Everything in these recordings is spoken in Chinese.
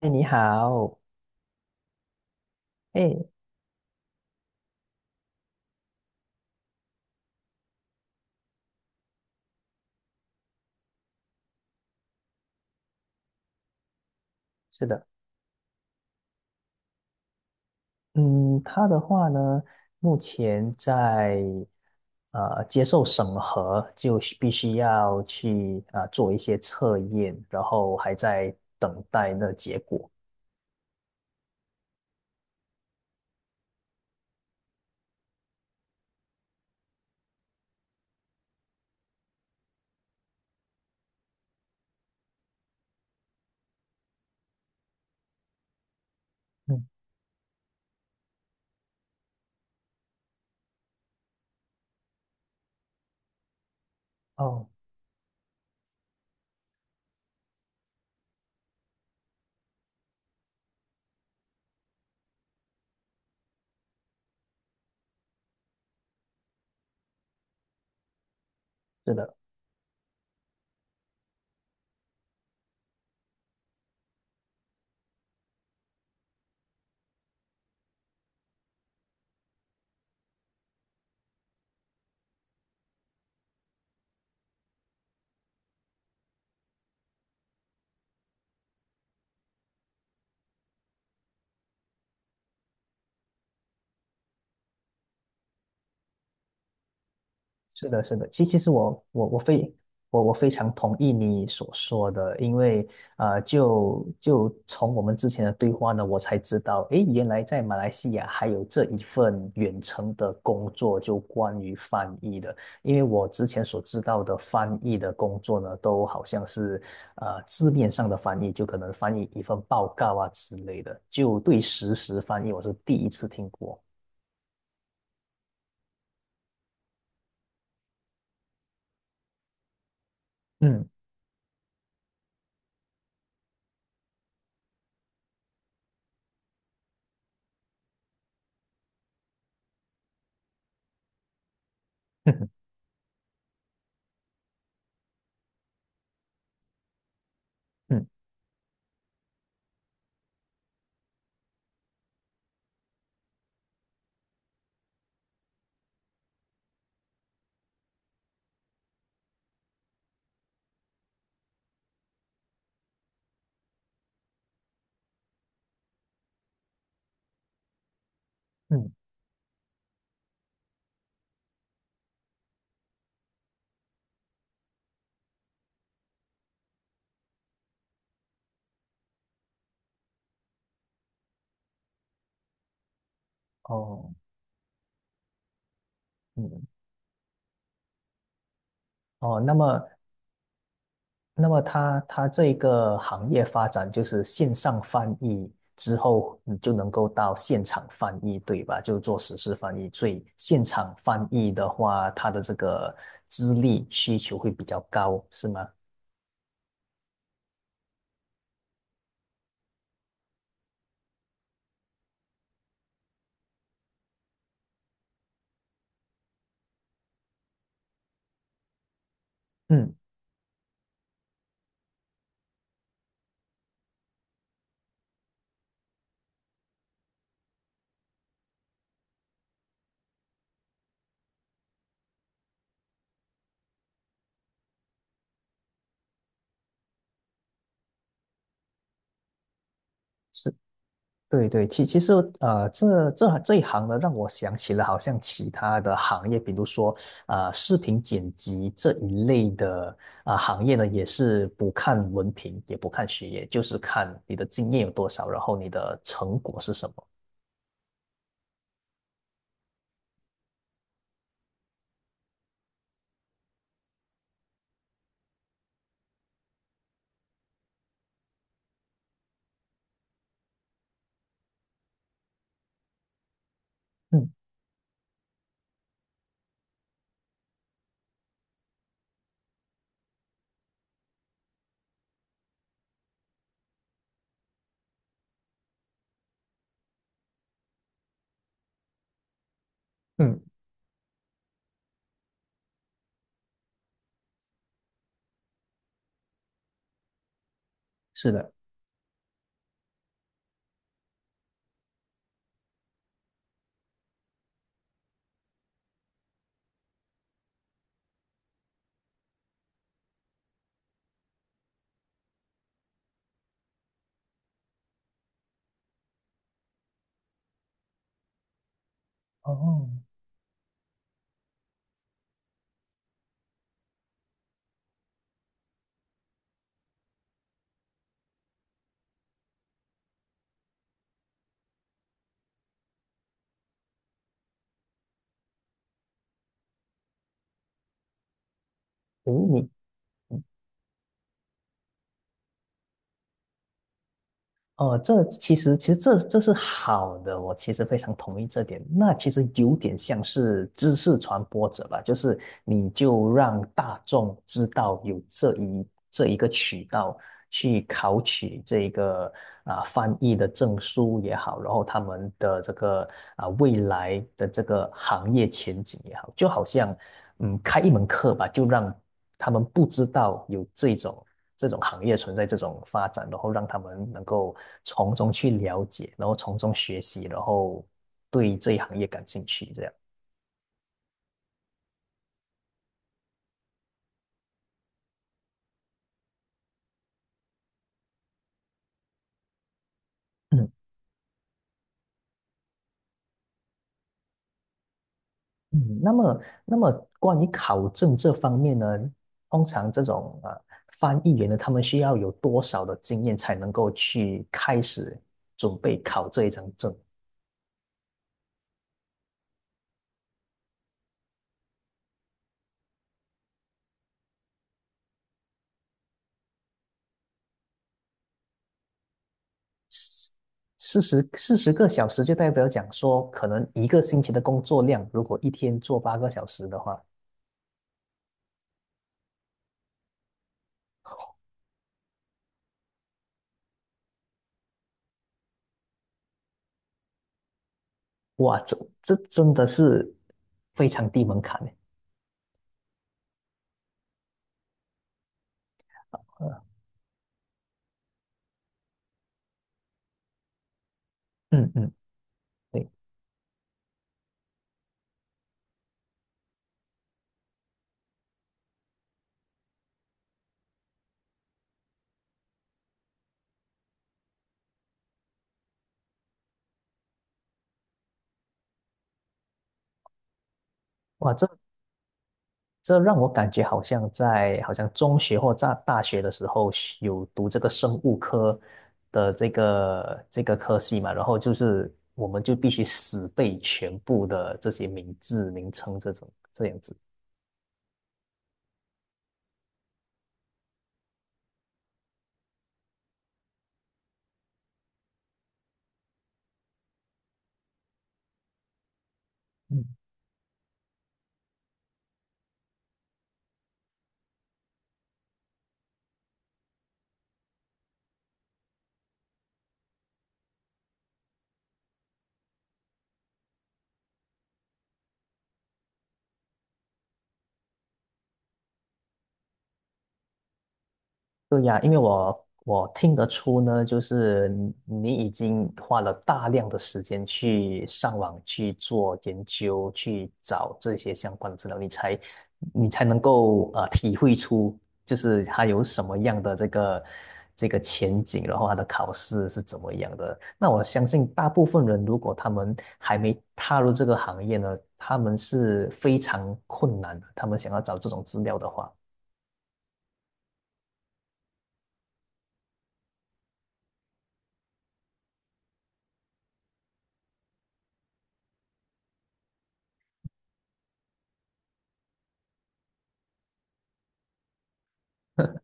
哎，你好。哎，是的。嗯，他的话呢，目前在接受审核，就是必须要去做一些测验，然后还在等待那结果。嗯。哦，是的。是的，是的，其实我我非常同意你所说的，因为啊，就从我们之前的对话呢，我才知道，诶，原来在马来西亚还有这一份远程的工作，就关于翻译的。因为我之前所知道的翻译的工作呢，都好像是字面上的翻译，就可能翻译一份报告啊之类的，就对实时翻译我是第一次听过。嗯。 嗯嗯。哦。嗯。哦，那么，那么它这个行业发展就是线上翻译之后，你就能够到现场翻译，对吧？就做实时翻译。所以现场翻译的话，它的这个资历需求会比较高，是吗？嗯。是。对对，其实这这一行呢，让我想起了好像其他的行业，比如说视频剪辑这一类的行业呢，也是不看文凭，也不看学业，就是看你的经验有多少，然后你的成果是什么。嗯。嗯，是的。哦。诶，你哦，这其实这是好的，我其实非常同意这点。那其实有点像是知识传播者吧，就是你就让大众知道有这一个渠道去考取这一个翻译的证书也好，然后他们的这个未来的这个行业前景也好，就好像开一门课吧，就让他们不知道有这种。这种行业存在这种发展，然后让他们能够从中去了解，然后从中学习，然后对这一行业感兴趣，这样。嗯嗯。那么关于考证这方面呢，通常这种翻译员呢，他们需要有多少的经验才能够去开始准备考这一张证？四四十个小时就代表讲说，可能一个星期的工作量，如果一天做八个小时的话，哇，这真的是非常低门槛诶。嗯嗯，对。哇，这让我感觉好像在好像中学或在大学的时候学有读这个生物科的这个科系嘛，然后就是我们就必须死背全部的这些名称这种这样子。对呀，因为我听得出呢，就是你已经花了大量的时间去上网去做研究，去找这些相关的资料，你才能够体会出，就是它有什么样的这个前景，然后它的考试是怎么样的。那我相信大部分人，如果他们还没踏入这个行业呢，他们是非常困难的，他们想要找这种资料的话。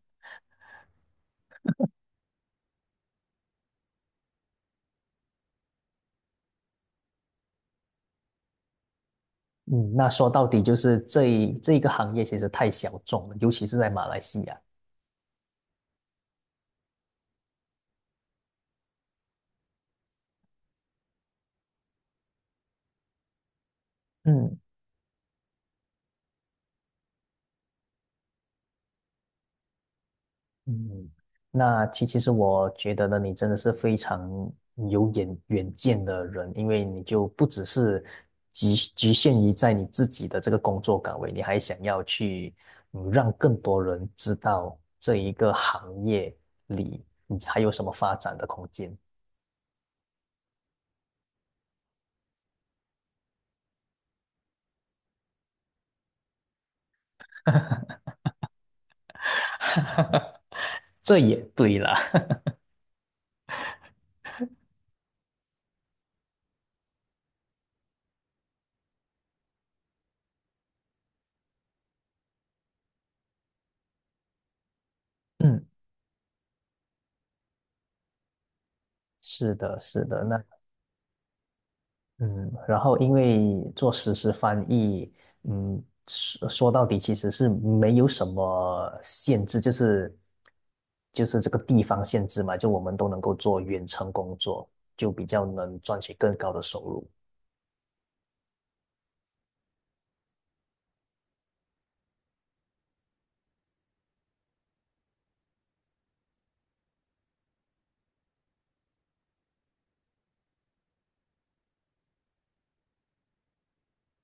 嗯，那说到底就是这一个行业其实太小众了，尤其是在马来西亚。嗯嗯，那其实我觉得呢，你真的是非常有远见的人，因为你就不只是局限于在你自己的这个工作岗位，你还想要去让更多人知道这一个行业里你还有什么发展的空间。这也对啦。嗯，是的，是的。那嗯，然后因为做实时翻译，嗯，说到底其实是没有什么限制，就是这个地方限制嘛，就我们都能够做远程工作，就比较能赚取更高的收入。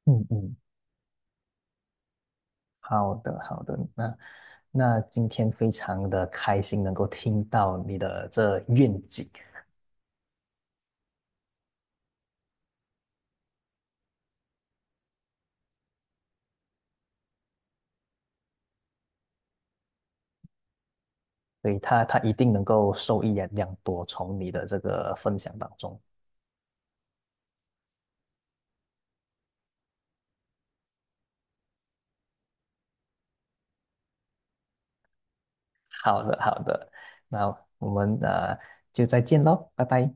嗯嗯，好的好的。那那今天非常的开心能够听到你的这愿景，所以他他一定能够受益良多，从你的这个分享当中。好的，好的。那我们就再见喽，拜拜。